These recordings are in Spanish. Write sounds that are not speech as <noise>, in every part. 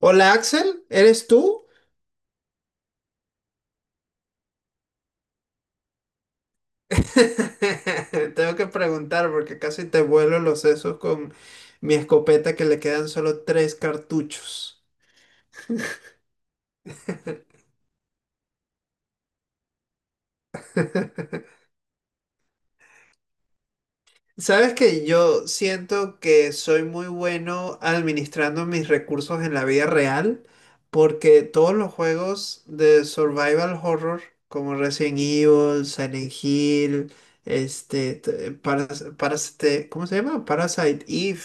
Hola Axel, ¿eres tú? <laughs> Tengo que preguntar porque casi te vuelo los sesos con mi escopeta que le quedan solo tres cartuchos. <laughs> Sabes que yo siento que soy muy bueno administrando mis recursos en la vida real porque todos los juegos de survival horror como Resident Evil, Silent Hill, ¿cómo se llama? Parasite Eve.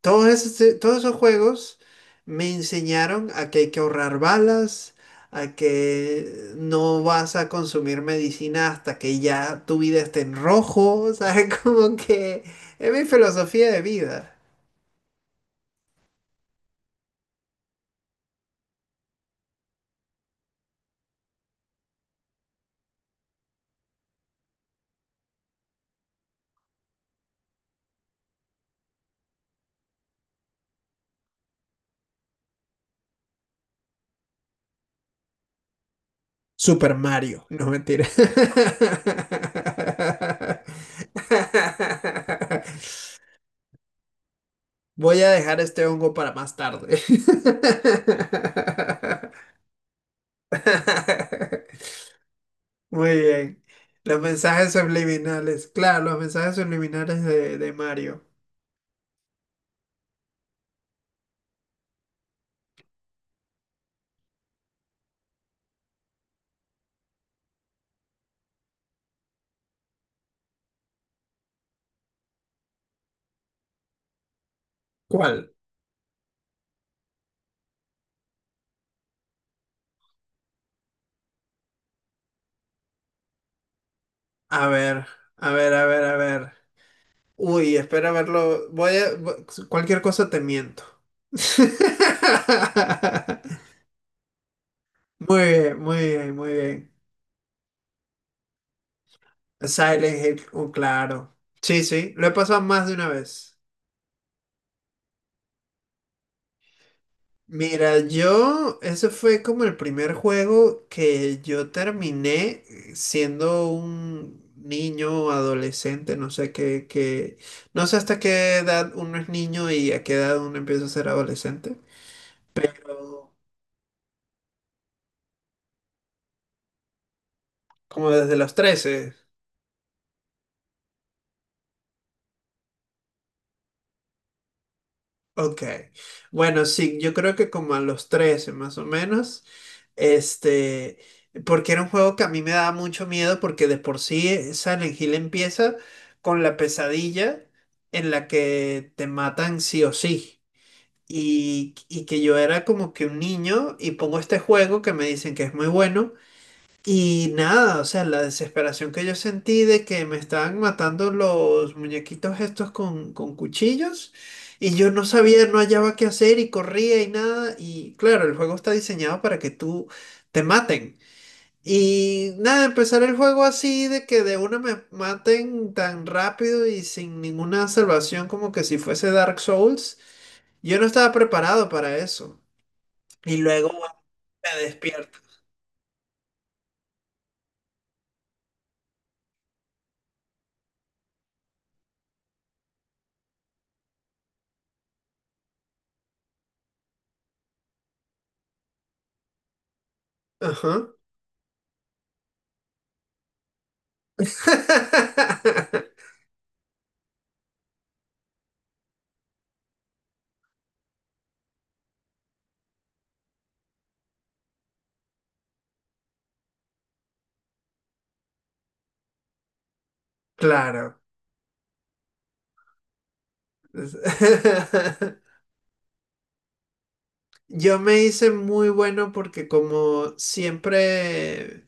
Todos esos juegos me enseñaron a que hay que ahorrar balas, a que no vas a consumir medicina hasta que ya tu vida esté en rojo, ¿sabes? <laughs> Como que es mi filosofía de vida. Super Mario, no mentira. <laughs> Voy a dejar este hongo para más tarde. <laughs> Muy bien. Los mensajes subliminales. Claro, los mensajes subliminales de Mario. ¿Cuál? A ver, a ver, a ver, a ver. Uy, espera verlo. Cualquier cosa te miento. <laughs> Muy bien, muy bien, muy bien. Silent Hill, oh, claro. Sí, sí, lo he pasado más de una vez. Mira, yo, ese fue como el primer juego que yo terminé siendo un niño, adolescente, no sé qué, qué, no sé hasta qué edad uno es niño y a qué edad uno empieza a ser adolescente, pero como desde los 13. Ok. Bueno, sí, yo creo que como a los 13 más o menos, este, porque era un juego que a mí me daba mucho miedo porque de por sí Silent Hill empieza con la pesadilla en la que te matan sí o sí. Y que yo era como que un niño y pongo este juego que me dicen que es muy bueno y nada, o sea, la desesperación que yo sentí de que me estaban matando los muñequitos estos con cuchillos y yo no sabía, no hallaba qué hacer y corría y nada. Y claro, el juego está diseñado para que tú te maten. Y nada, empezar el juego así de que de una me maten tan rápido y sin ninguna salvación como que si fuese Dark Souls, yo no estaba preparado para eso. Y luego, bueno, me despierto. Ajá. <laughs> Claro. Es- <laughs> Yo me hice muy bueno porque como siempre,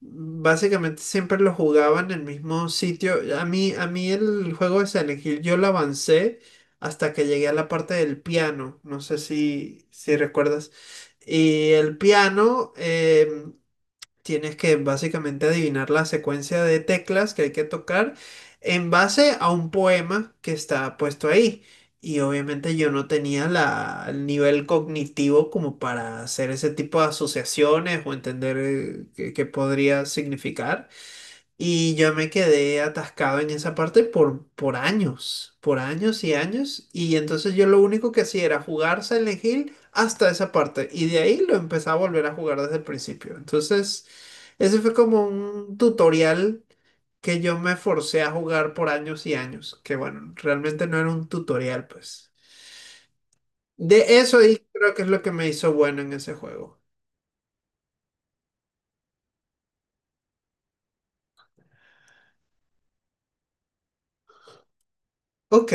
básicamente siempre lo jugaba en el mismo sitio. A mí el juego de Silent Hill yo lo avancé hasta que llegué a la parte del piano. No sé si, si recuerdas. Y el piano, tienes que básicamente adivinar la secuencia de teclas que hay que tocar en base a un poema que está puesto ahí. Y obviamente yo no tenía el nivel cognitivo como para hacer ese tipo de asociaciones o entender qué, qué podría significar. Y yo me quedé atascado en esa parte por años, por años y años. Y entonces yo lo único que hacía era jugar Silent Hill hasta esa parte. Y de ahí lo empecé a volver a jugar desde el principio. Entonces, ese fue como un tutorial que yo me forcé a jugar por años y años. Que bueno, realmente no era un tutorial, pues. De eso ahí creo que es lo que me hizo bueno en ese juego. Ok,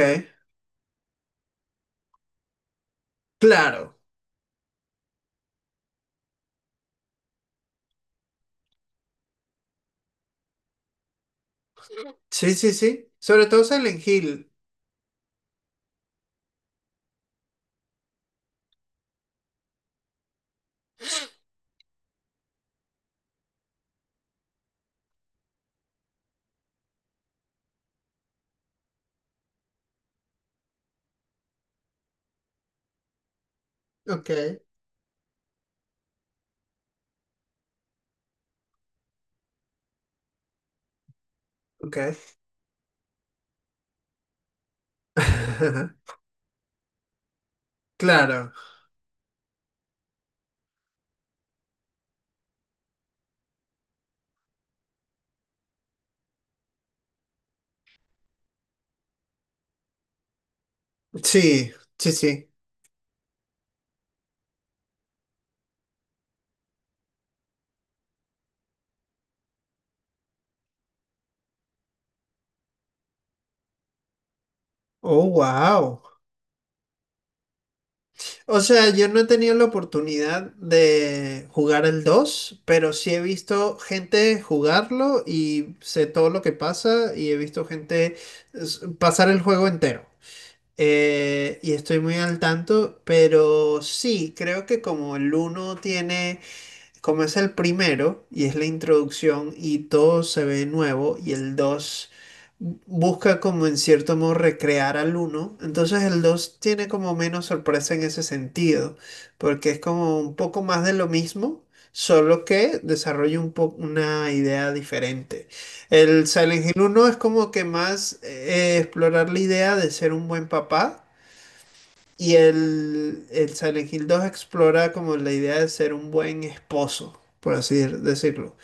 claro. Sí, sí, sí. Sobre todo Silent Hill. Ok, ok. <laughs> Claro, sí, sí, sí. Oh, wow. O sea, yo no he tenido la oportunidad de jugar el 2, pero sí he visto gente jugarlo y sé todo lo que pasa y he visto gente pasar el juego entero. Y estoy muy al tanto, pero sí, creo que como el uno tiene. Como es el primero y es la introducción y todo se ve nuevo y el 2 busca como en cierto modo recrear al uno, entonces el 2 tiene como menos sorpresa en ese sentido, porque es como un poco más de lo mismo, solo que desarrolla una idea diferente. El Silent Hill uno es como que más explorar la idea de ser un buen papá y el Silent Hill 2 explora como la idea de ser un buen esposo, por así decirlo.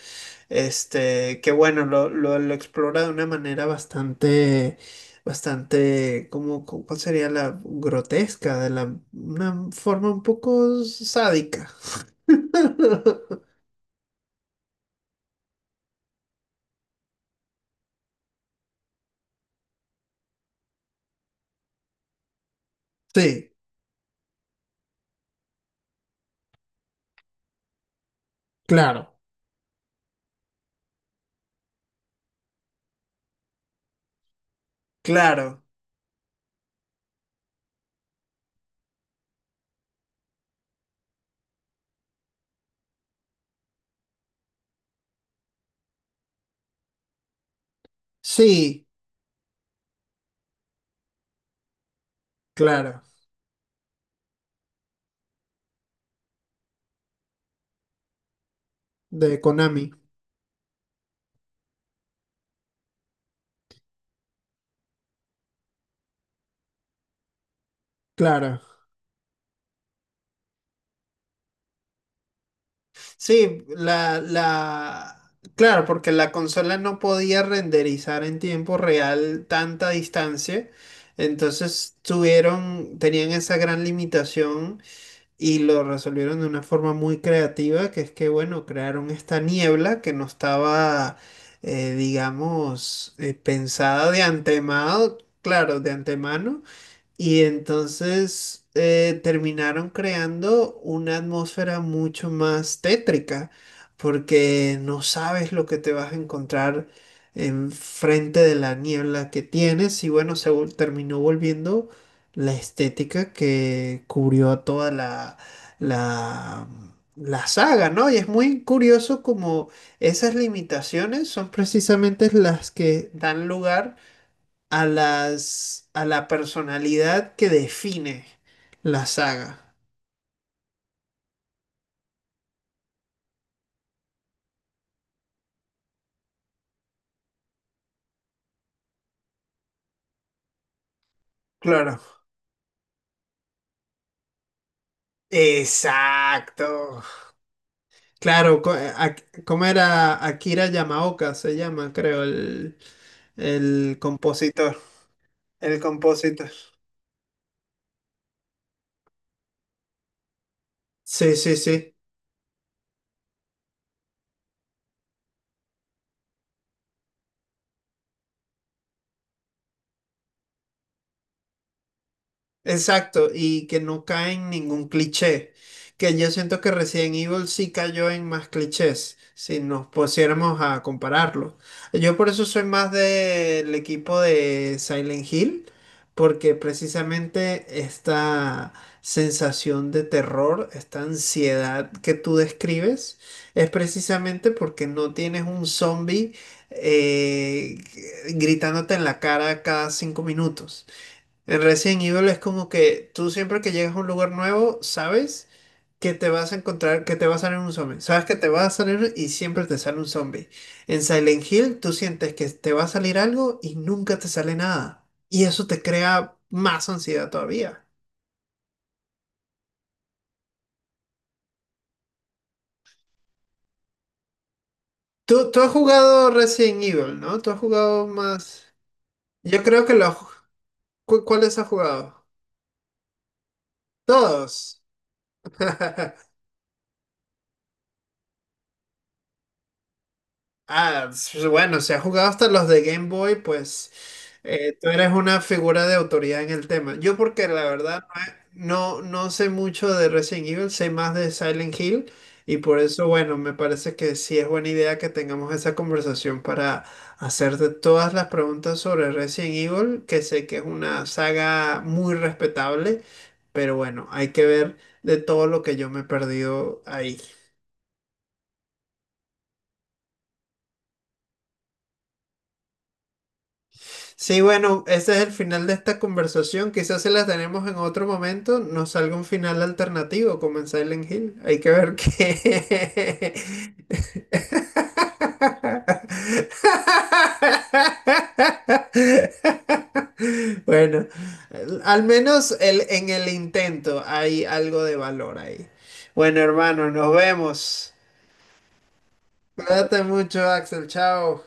Que bueno, lo explora de una manera bastante, bastante, como, ¿cuál sería la grotesca? Una forma un poco sádica. Sí, claro, claro, sí, claro, de Konami, claro. Sí, claro, porque la consola no podía renderizar en tiempo real tanta distancia, entonces tenían esa gran limitación y lo resolvieron de una forma muy creativa, que es que, bueno, crearon esta niebla que no estaba, digamos, pensada de antemano, claro, de antemano, y entonces terminaron creando una atmósfera mucho más tétrica, porque no sabes lo que te vas a encontrar enfrente de la niebla que tienes. Y bueno, terminó volviendo la estética que cubrió a toda la, la saga, ¿no? Y es muy curioso como esas limitaciones son precisamente las que dan lugar a a la personalidad que define la saga. Claro. Exacto. Claro, ¿cómo era Akira Yamaoka? Se llama, creo, el compositor. El compositor. Sí, sí, sí. Exacto, y que no cae en ningún cliché. Que yo siento que Resident Evil sí cayó en más clichés, si nos pusiéramos a compararlo. Yo por eso soy más del equipo de Silent Hill, porque precisamente esta sensación de terror, esta ansiedad que tú describes, es precisamente porque no tienes un zombie eh, gritándote en la cara cada 5 minutos. En Resident Evil es como que tú siempre que llegas a un lugar nuevo, sabes que te vas a encontrar, que te va a salir un zombie. Sabes que te va a salir y siempre te sale un zombie. En Silent Hill tú sientes que te va a salir algo y nunca te sale nada. Y eso te crea más ansiedad todavía. Tú has jugado Resident Evil, ¿no? Tú has jugado más... Yo creo que los... ¿Cuáles has jugado? Todos. <laughs> Ah, bueno, si has jugado hasta los de Game Boy, pues tú eres una figura de autoridad en el tema. Yo porque la verdad no, no, no sé mucho de Resident Evil, sé más de Silent Hill y por eso, bueno, me parece que sí es buena idea que tengamos esa conversación para hacerte todas las preguntas sobre Resident Evil, que sé que es una saga muy respetable, pero bueno, hay que ver de todo lo que yo me he perdido ahí. Sí, bueno, ese es el final de esta conversación. Quizás se la tenemos en otro momento, nos salga un final alternativo, como en Silent Hill. Hay que ver qué. <laughs> Bueno, al menos en el intento hay algo de valor ahí. Bueno, hermano, nos vemos. Cuídate mucho, Axel. Chao.